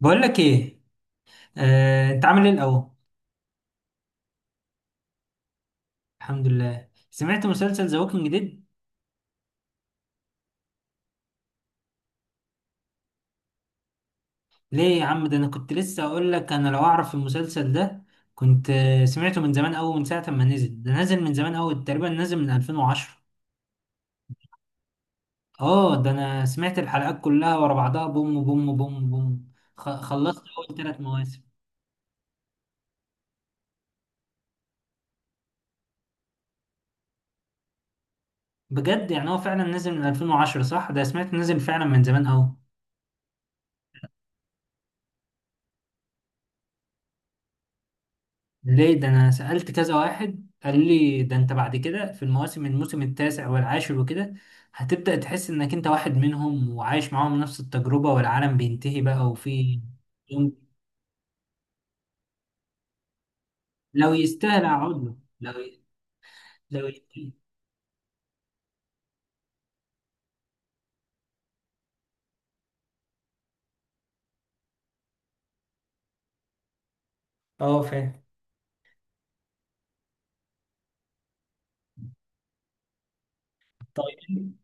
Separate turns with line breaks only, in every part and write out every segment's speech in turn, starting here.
بقول لك ايه. انت عامل ايه الاول؟ الحمد لله، سمعت مسلسل ذا ووكينج ديد. ليه يا عم، ده انا كنت لسه اقول لك انا لو اعرف المسلسل ده كنت سمعته من زمان قوي، من ساعه ما نزل. ده نازل من زمان قوي، تقريبا نازل من 2010. اه، ده انا سمعت الحلقات كلها ورا بعضها، بوم بوم بوم بوم. خلصت اول ثلاث مواسم. بجد يعني هو فعلا نازل من 2010؟ صح، ده سمعت نازل فعلا من زمان قوي. ليه؟ ده انا سألت كذا واحد قال لي ده انت بعد كده في المواسم، الموسم التاسع والعاشر وكده هتبدأ تحس انك انت واحد منهم وعايش معاهم نفس التجربة، والعالم بينتهي بقى وفي. لو يستاهل اقعد له، لو يستاهل. اه فاهم. طيب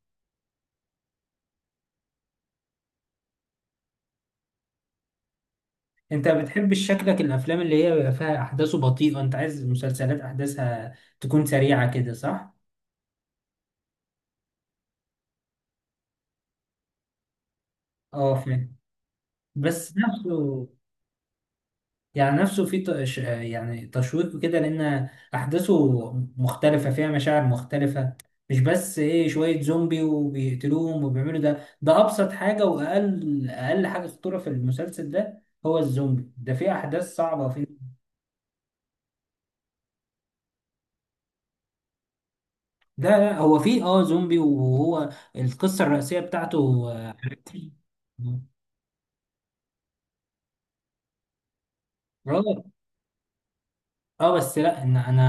انت بتحب شكلك الافلام اللي هي بيبقى فيها احداثه بطيئة، انت عايز مسلسلات احداثها تكون سريعة كده صح؟ اه فاهم. بس نفسه، يعني نفسه في يعني تشويق كده، لأن أحداثه مختلفة، فيها مشاعر مختلفة. مش بس إيه شوية زومبي وبيقتلوهم وبيعملوا، ده ده أبسط حاجة، وأقل حاجة خطورة في المسلسل ده هو الزومبي. ده فيه أحداث صعبة وفيه. لا لا، هو فيه أه زومبي، وهو القصة الرئيسية بتاعته. آه، اه اه. بس لا، ان انا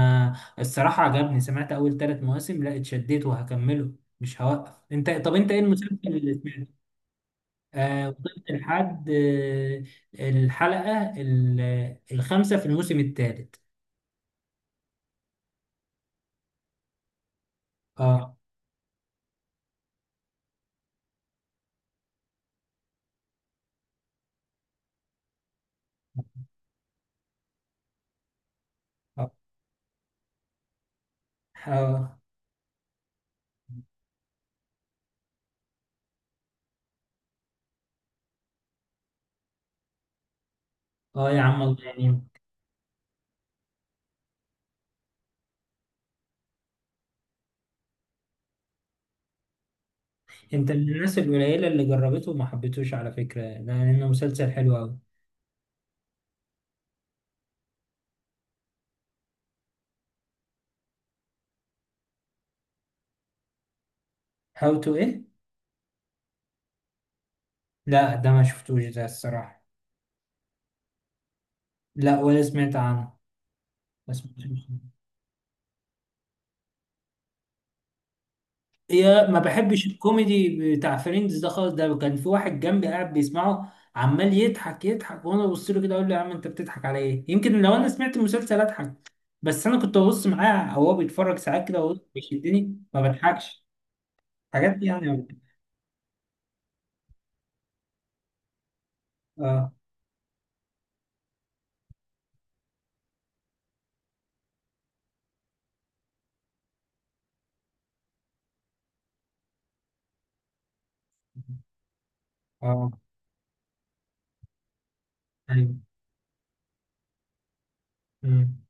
الصراحه عجبني، سمعت اول ثلاث مواسم، لا اتشديت وهكمله مش هوقف. انت طب انت ايه المسلسل اللي سمعته؟ وصلت لحد الحلقة الخامسة في الموسم الثالث. اه اه اه. آه يا عم، الله يعني. انت من الناس القليلة اللي جربته وما حبيتوش على فكرة، لأنه مسلسل حلو أوي. هاو تو ايه؟ لا ده ما شفتوش ده الصراحة. لا ولا سمعت عنه، ما سمعتوش. يا ما بحبش الكوميدي بتاع فريندز ده خالص. ده كان في واحد جنبي قاعد بيسمعه، عمال يضحك يضحك، وانا ببص له كده اقول له يا عم انت بتضحك على ايه؟ يمكن لو انا سمعت المسلسل اضحك. بس انا كنت ببص معاه، او هو بيتفرج ساعات كده واقول بيشدني، ما بضحكش حاجات دي يعني. اه اه ايوه. أمم.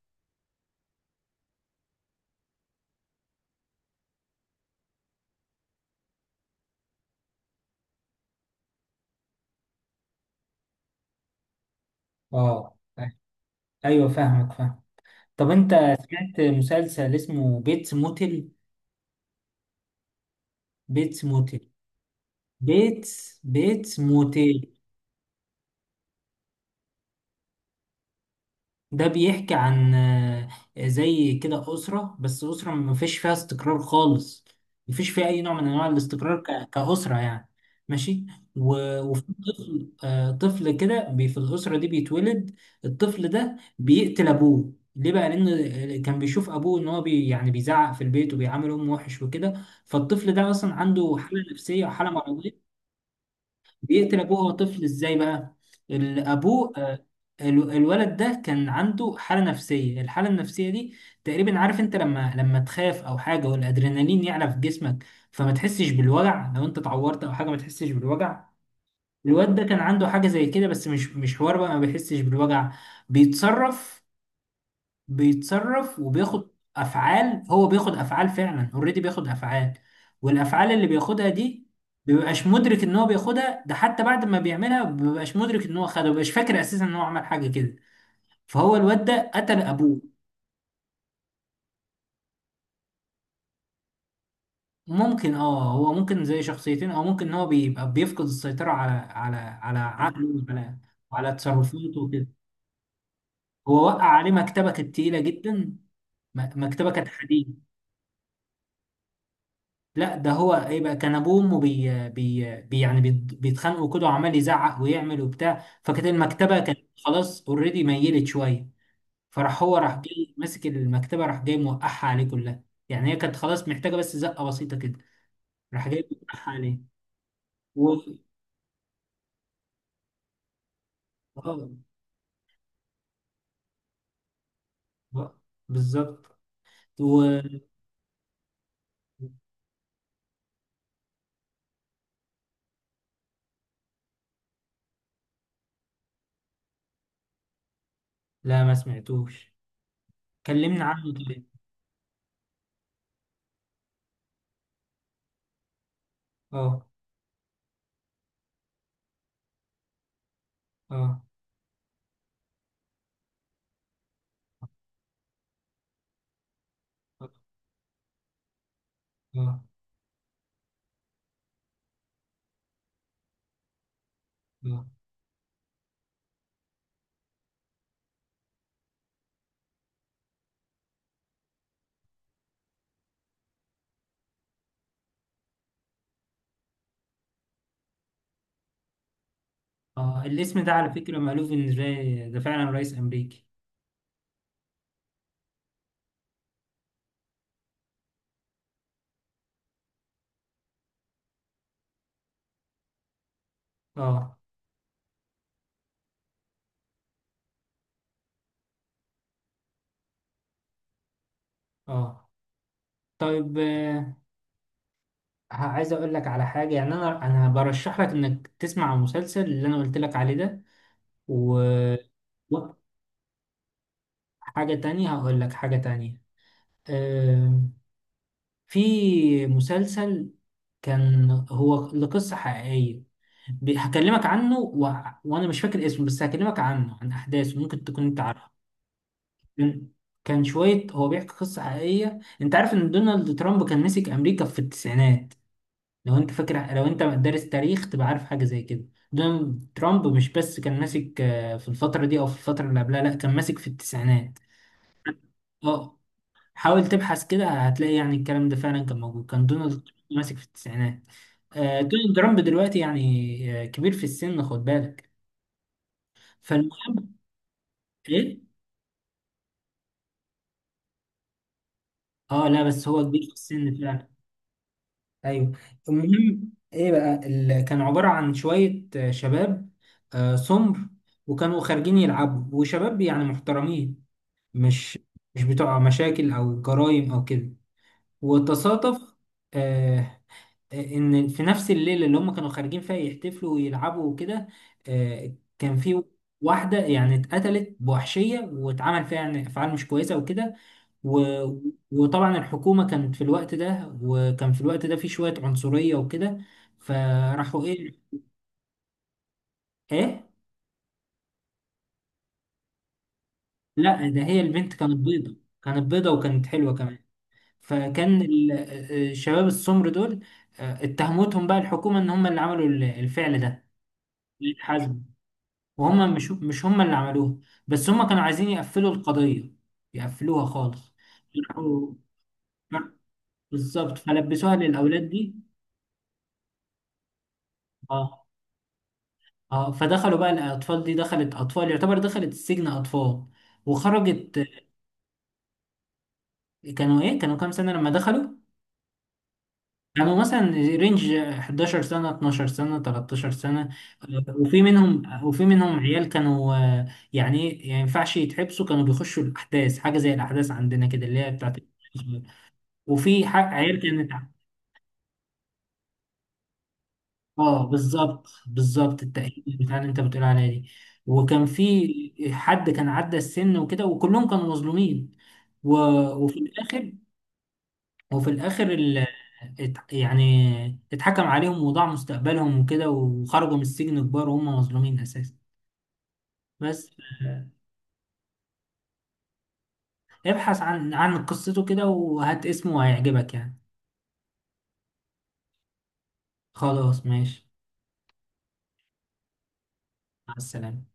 اه ايوه، فاهمك فاهم. طب انت سمعت مسلسل اسمه بيتس موتل؟ بيتس موتل. بيتس موتل. ده بيحكي عن زي كده أسرة، بس أسرة ما فيش فيها استقرار خالص، ما فيش فيها أي نوع من أنواع الاستقرار كأسرة يعني. ماشي. وفي طفل، طفل كده في الأسرة دي بيتولد. الطفل ده بيقتل أبوه، ليه بقى؟ لأن كان بيشوف أبوه إن هو يعني بيزعق في البيت وبيعامل أمه وحش وكده، فالطفل ده أصلا عنده حالة نفسية وحالة مرضية. بيقتل ابوه وهو طفل، ازاي بقى؟ ابوه الولد ده كان عنده حالة نفسية. الحالة النفسية دي تقريبا، عارف انت لما تخاف او حاجة والادرينالين يعلى في جسمك، فما تحسش بالوجع. لو انت اتعورت او حاجة ما تحسش بالوجع. الواد ده كان عنده حاجة زي كده، بس مش حوار بقى، ما بيحسش بالوجع. بيتصرف، بيتصرف وبياخد افعال. هو بياخد افعال فعلا اوريدي، بياخد افعال. والافعال اللي بياخدها دي بيبقاش مدرك ان هو بياخدها. ده حتى بعد ما بيعملها بيبقاش مدرك ان هو خدها، بيبقاش فاكر اساسا ان هو عمل حاجه كده. فهو الواد ده قتل ابوه. ممكن، اه هو ممكن زي شخصيتين، او ممكن ان هو بيبقى بيفقد السيطره على على عقله وعلى على تصرفاته وكده. هو وقع عليه مكتبه، كانت تقيله جدا. م- مكتبه كانت حديد. لا، ده هو ايه بقى، كان ابوه وامه بي يعني بيتخانقوا كده وعمال يزعق ويعمل وبتاع، فكانت المكتبه كانت خلاص اوريدي ميلت شويه. فراح هو راح جاي ماسك المكتبه، راح جاي موقعها عليه كلها. يعني هي كانت خلاص محتاجه بس زقه بسيطه كده، راح جاي موقعها عليه. و... آه، آه، بالظبط. و... لا ما سمعتوش، كلمنا عنه طيب. اه اه اه اه اه. الاسم ده على فكره مألوف، ان ده ده فعلا رئيس امريكي. اه اه. طيب عايز اقول لك على حاجه، يعني انا انا برشح لك انك تسمع المسلسل اللي انا قلت لك عليه ده. و- وحاجه تانية هقول لك حاجه تانية. آم، في مسلسل كان هو لقصه حقيقيه، هكلمك عنه وانا مش فاكر اسمه، بس هكلمك عنه عن احداثه، ممكن تكون انت عارفه. كان، كان شويه هو بيحكي قصه حقيقيه. انت عارف ان دونالد ترامب كان مسك امريكا في التسعينات؟ لو انت فاكر لو انت دارس تاريخ تبقى عارف حاجه زي كده. دونالد ترامب مش بس كان ماسك في الفتره دي او في الفتره اللي قبلها، لا كان ماسك في التسعينات. اه، حاول تبحث كده هتلاقي يعني الكلام ده فعلا كان موجود، كان دونالد ترامب ماسك في التسعينات. دونالد ترامب دلوقتي يعني كبير في السن، خد بالك. فالمهم ايه؟ اه لا، بس هو كبير في السن فعلا. ايوه. المهم ايه بقى، كان عباره عن شويه شباب سمر، وكانوا خارجين يلعبوا، وشباب يعني محترمين، مش بتوع مشاكل او جرائم او كده. وتصادف آه، ان في نفس الليله اللي هم كانوا خارجين فيها يحتفلوا ويلعبوا وكده كان في واحده يعني اتقتلت بوحشيه، واتعمل فيها يعني افعال مش كويسه وكده. و- وطبعا الحكومة كانت في الوقت ده، وكان في الوقت ده في شوية عنصرية وكده، فراحوا ايه. ايه، لا ده هي البنت كانت بيضة، كانت بيضة وكانت حلوة كمان. فكان الشباب السمر دول اتهمتهم بقى الحكومة ان هم اللي عملوا الفعل ده. الحزم. وهم مش هم اللي عملوه، بس هم كانوا عايزين يقفلوا القضية، يقفلوها خالص. راحوا- بالظبط، فلبسوها للأولاد دي. اه اه. فدخلوا بقى، الاطفال دي دخلت، اطفال يعتبر دخلت السجن، اطفال. وخرجت، كانوا ايه، كانوا كام سنة لما دخلوا؟ كانوا مثلا رينج 11 سنة، 12 سنة، 13 سنة. وفي منهم، وفي منهم عيال كانوا يعني ايه يعني، ما ينفعش يتحبسوا. كانوا بيخشوا الاحداث، حاجة زي الاحداث عندنا كده اللي هي بتاعت. وفي عيال كانت. اه بالظبط، بالظبط التأهيل بتاع اللي انت بتقول عليها دي. وكان في حد كان عدى السن وكده، وكلهم كانوا مظلومين. و... وفي الاخر، وفي الاخر ال... يعني اتحكم عليهم وضاع مستقبلهم وكده، وخرجوا من السجن كبار وهم مظلومين اساسا بس. آه، ابحث عن قصته كده، وهات اسمه وهيعجبك يعني. خلاص ماشي، مع السلامة.